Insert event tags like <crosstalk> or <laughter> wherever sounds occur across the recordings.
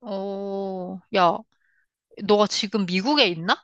야, 너가 지금 미국에 있나?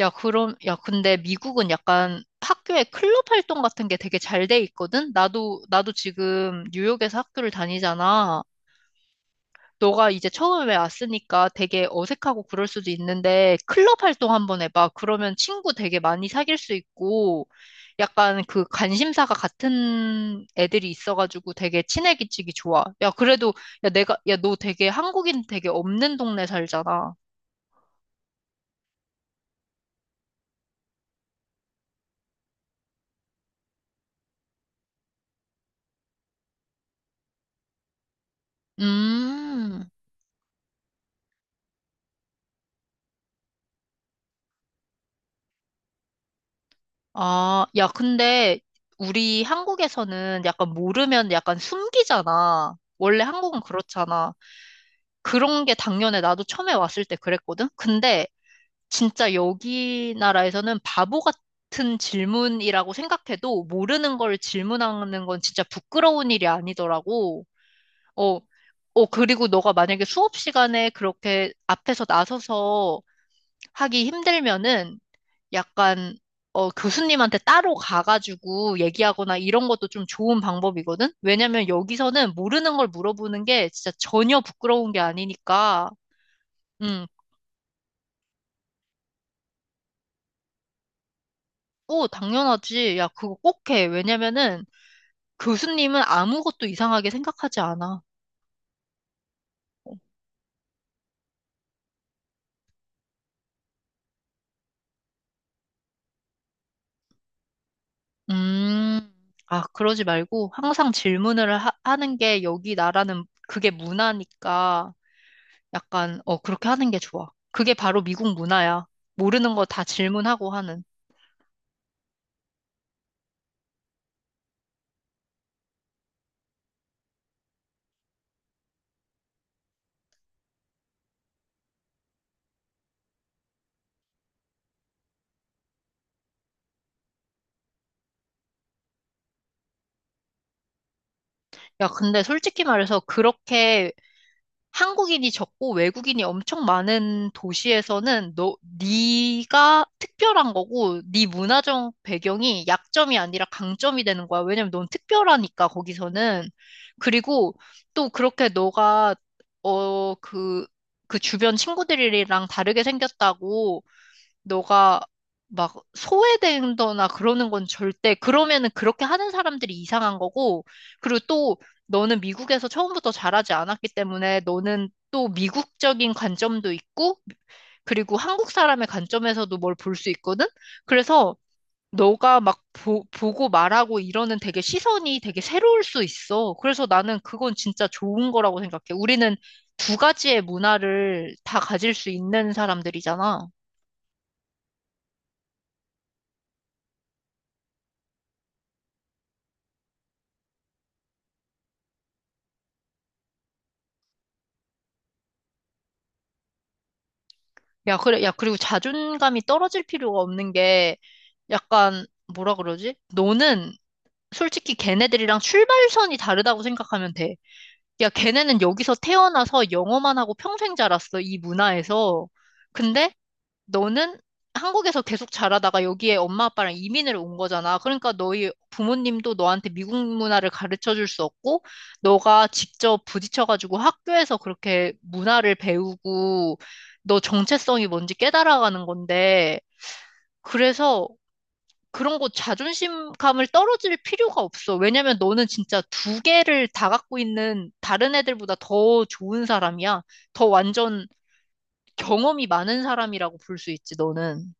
야, 그럼, 야, 근데 미국은 약간 학교에 클럽 활동 같은 게 되게 잘 돼 있거든? 나도 지금 뉴욕에서 학교를 다니잖아. 너가 이제 처음에 왔으니까 되게 어색하고 그럴 수도 있는데, 클럽 활동 한번 해봐. 그러면 친구 되게 많이 사귈 수 있고, 약간 그 관심사가 같은 애들이 있어가지고 되게 친해지기 좋아. 야, 그래도, 야, 내가, 야, 너 되게 한국인 되게 없는 동네 살잖아. 음, 아, 야, 근데 우리 한국에서는 약간 모르면 약간 숨기잖아. 원래 한국은 그렇잖아. 그런 게 당연해. 나도 처음에 왔을 때 그랬거든? 근데 진짜 여기 나라에서는 바보 같은 질문이라고 생각해도 모르는 걸 질문하는 건 진짜 부끄러운 일이 아니더라고. 어, 그리고 너가 만약에 수업 시간에 그렇게 앞에서 나서서 하기 힘들면은 약간 교수님한테 따로 가가지고 얘기하거나 이런 것도 좀 좋은 방법이거든? 왜냐면 여기서는 모르는 걸 물어보는 게 진짜 전혀 부끄러운 게 아니니까. 음, 오, 당연하지. 야, 그거 꼭 해. 왜냐면은 교수님은 아무것도 이상하게 생각하지 않아. 음, 아, 그러지 말고 항상 질문을 하는 게 여기 나라는 그게 문화니까. 약간, 그렇게 하는 게 좋아. 그게 바로 미국 문화야. 모르는 거 다 질문하고 하는. 야, 근데 솔직히 말해서 그렇게 한국인이 적고 외국인이 엄청 많은 도시에서는 너, 네가 특별한 거고, 네 문화적 배경이 약점이 아니라 강점이 되는 거야. 왜냐면 넌 특별하니까, 거기서는. 그리고 또 그렇게 너가, 어, 그, 그 주변 친구들이랑 다르게 생겼다고 너가 막 소외된다거나 그러는 건 절대, 그러면은 그렇게 하는 사람들이 이상한 거고, 그리고 또 너는 미국에서 처음부터 자라지 않았기 때문에 너는 또 미국적인 관점도 있고, 그리고 한국 사람의 관점에서도 뭘 볼 수 있거든? 그래서 너가 막 보고 말하고 이러는 되게 시선이 되게 새로울 수 있어. 그래서 나는 그건 진짜 좋은 거라고 생각해. 우리는 두 가지의 문화를 다 가질 수 있는 사람들이잖아. 야, 그래, 야, 그리고 자존감이 떨어질 필요가 없는 게 약간 뭐라 그러지? 너는 솔직히 걔네들이랑 출발선이 다르다고 생각하면 돼. 야, 걔네는 여기서 태어나서 영어만 하고 평생 자랐어, 이 문화에서. 근데 너는 한국에서 계속 자라다가 여기에 엄마 아빠랑 이민을 온 거잖아. 그러니까 너희 부모님도 너한테 미국 문화를 가르쳐 줄 수 없고, 너가 직접 부딪혀가지고 학교에서 그렇게 문화를 배우고, 너 정체성이 뭔지 깨달아가는 건데, 그래서 그런 거 자존심감을 떨어질 필요가 없어. 왜냐면 너는 진짜 두 개를 다 갖고 있는 다른 애들보다 더 좋은 사람이야. 더 완전 경험이 많은 사람이라고 볼 수 있지, 너는.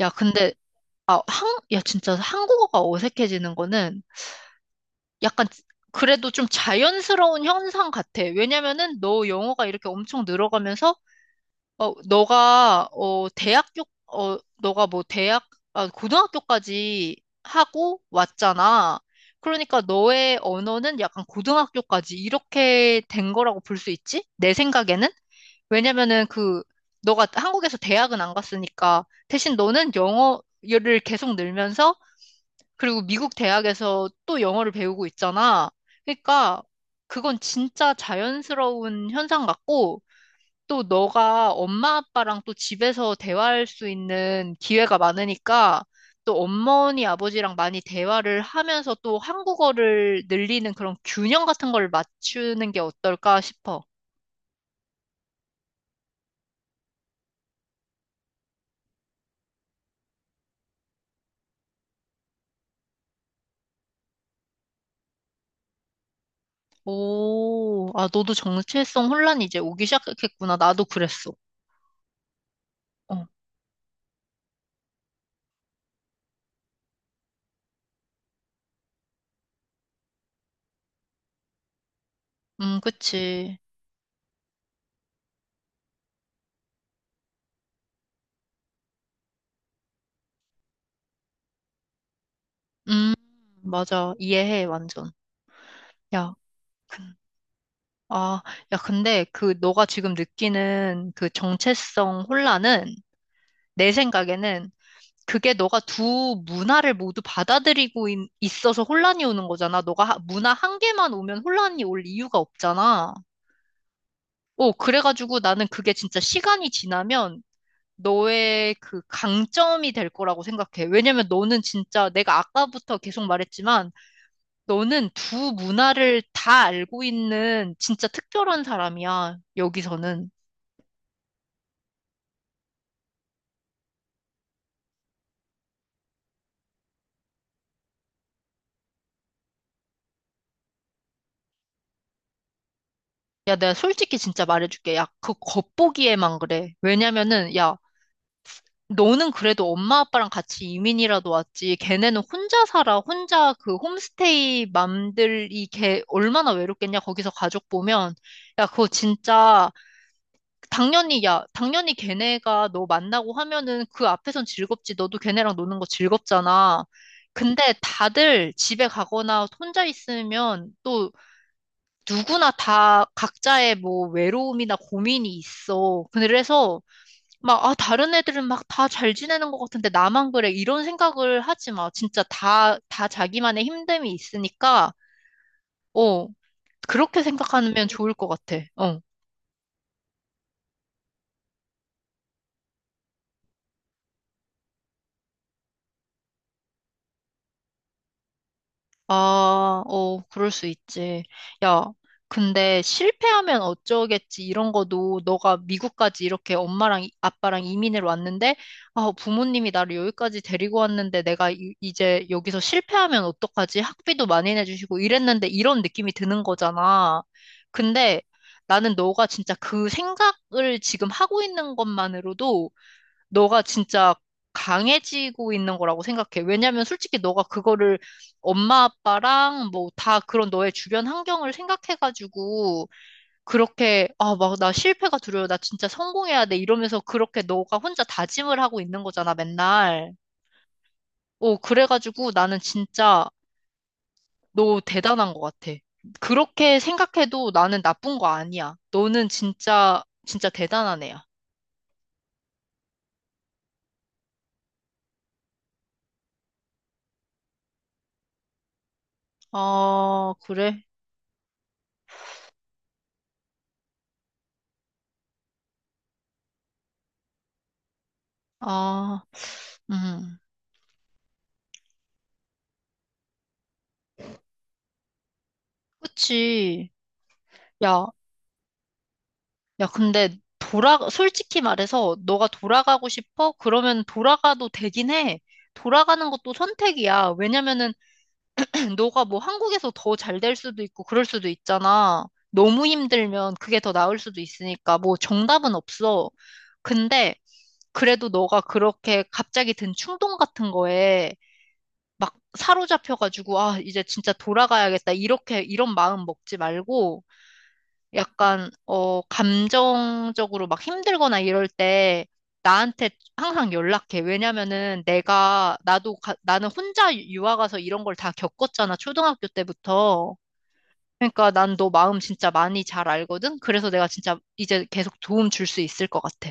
야, 근데 아, 한, 야, 진짜 한국어가 어색해지는 거는 약간 그래도 좀 자연스러운 현상 같아. 왜냐면은 너 영어가 이렇게 엄청 늘어가면서, 어, 너가, 어, 대학교, 어, 너가 뭐 대학, 아, 고등학교까지 하고 왔잖아. 그러니까 너의 언어는 약간 고등학교까지 이렇게 된 거라고 볼 수 있지? 내 생각에는? 왜냐면은 그, 너가 한국에서 대학은 안 갔으니까 대신 너는 영어를 계속 늘면서 그리고 미국 대학에서 또 영어를 배우고 있잖아. 그러니까 그건 진짜 자연스러운 현상 같고 또 너가 엄마 아빠랑 또 집에서 대화할 수 있는 기회가 많으니까 또 어머니 아버지랑 많이 대화를 하면서 또 한국어를 늘리는 그런 균형 같은 걸 맞추는 게 어떨까 싶어. 오, 아, 너도 정체성 혼란이 이제 오기 시작했구나. 나도 그랬어. 어, 그치. 음, 맞아. 이해해, 완전. 야, 근- 아, 야, 근데 그 너가 지금 느끼는 그 정체성 혼란은 내 생각에는 그게 너가 두 문화를 모두 받아들이고 있어서 혼란이 오는 거잖아. 너가 문화 한 개만 오면 혼란이 올 이유가 없잖아. 오, 그래가지고 나는 그게 진짜 시간이 지나면 너의 그 강점이 될 거라고 생각해. 왜냐면 너는 진짜 내가 아까부터 계속 말했지만 너는 두 문화를 다 알고 있는 진짜 특별한 사람이야, 여기서는. 야, 내가 솔직히 진짜 말해줄게. 야, 그 겉보기에만 그래. 왜냐면은, 야, 너는 그래도 엄마 아빠랑 같이 이민이라도 왔지. 걔네는 혼자 살아. 혼자 그 홈스테이 맘들이 걔 얼마나 외롭겠냐. 거기서 가족 보면. 야, 그거 진짜 당연히, 야, 당연히 걔네가 너 만나고 하면은 그 앞에선 즐겁지. 너도 걔네랑 노는 거 즐겁잖아. 근데 다들 집에 가거나 혼자 있으면 또 누구나 다 각자의 뭐 외로움이나 고민이 있어. 그래서 막, 아, 다른 애들은 막 다 잘 지내는 것 같은데 나만 그래. 이런 생각을 하지 마. 진짜 다 자기만의 힘듦이 있으니까, 어, 그렇게 생각하면 좋을 것 같아. 어. 아, 어, 그럴 수 있지. 야, 근데 실패하면 어쩌겠지 이런 거도 너가 미국까지 이렇게 엄마랑 아빠랑 이민을 왔는데, 아, 부모님이 나를 여기까지 데리고 왔는데 내가 이제 여기서 실패하면 어떡하지? 학비도 많이 내주시고 이랬는데 이런 느낌이 드는 거잖아. 근데 나는 너가 진짜 그 생각을 지금 하고 있는 것만으로도 너가 진짜 강해지고 있는 거라고 생각해. 왜냐면 솔직히 너가 그거를 엄마 아빠랑 뭐 다 그런 너의 주변 환경을 생각해가지고 그렇게 아, 막 나 실패가 두려워. 나 진짜 성공해야 돼. 이러면서 그렇게 너가 혼자 다짐을 하고 있는 거잖아, 맨날. 어, 그래가지고 나는 진짜 너 대단한 것 같아. 그렇게 생각해도 나는 나쁜 거 아니야. 너는 진짜, 진짜 대단한 애야. 아, 그래? 아, 음. 그치. 야, 야, 근데 돌아, 솔직히 말해서 너가 돌아가고 싶어? 그러면 돌아가도 되긴 해. 돌아가는 것도 선택이야. 왜냐면은 <clears throat> 너가 뭐 한국에서 더 잘 될 수도 있고 그럴 수도 있잖아. 너무 힘들면 그게 더 나을 수도 있으니까 뭐 정답은 없어. 근데 그래도 너가 그렇게 갑자기 든 충동 같은 거에 막 사로잡혀가지고 아, 이제 진짜 돌아가야겠다. 이렇게 이런 마음 먹지 말고 약간, 어, 감정적으로 막 힘들거나 이럴 때 나한테 항상 연락해. 왜냐면은 내가, 나도, 나는 혼자 유학 가서 이런 걸 다 겪었잖아. 초등학교 때부터. 그러니까 난 너 마음 진짜 많이 잘 알거든? 그래서 내가 진짜 이제 계속 도움 줄 수 있을 것 같아.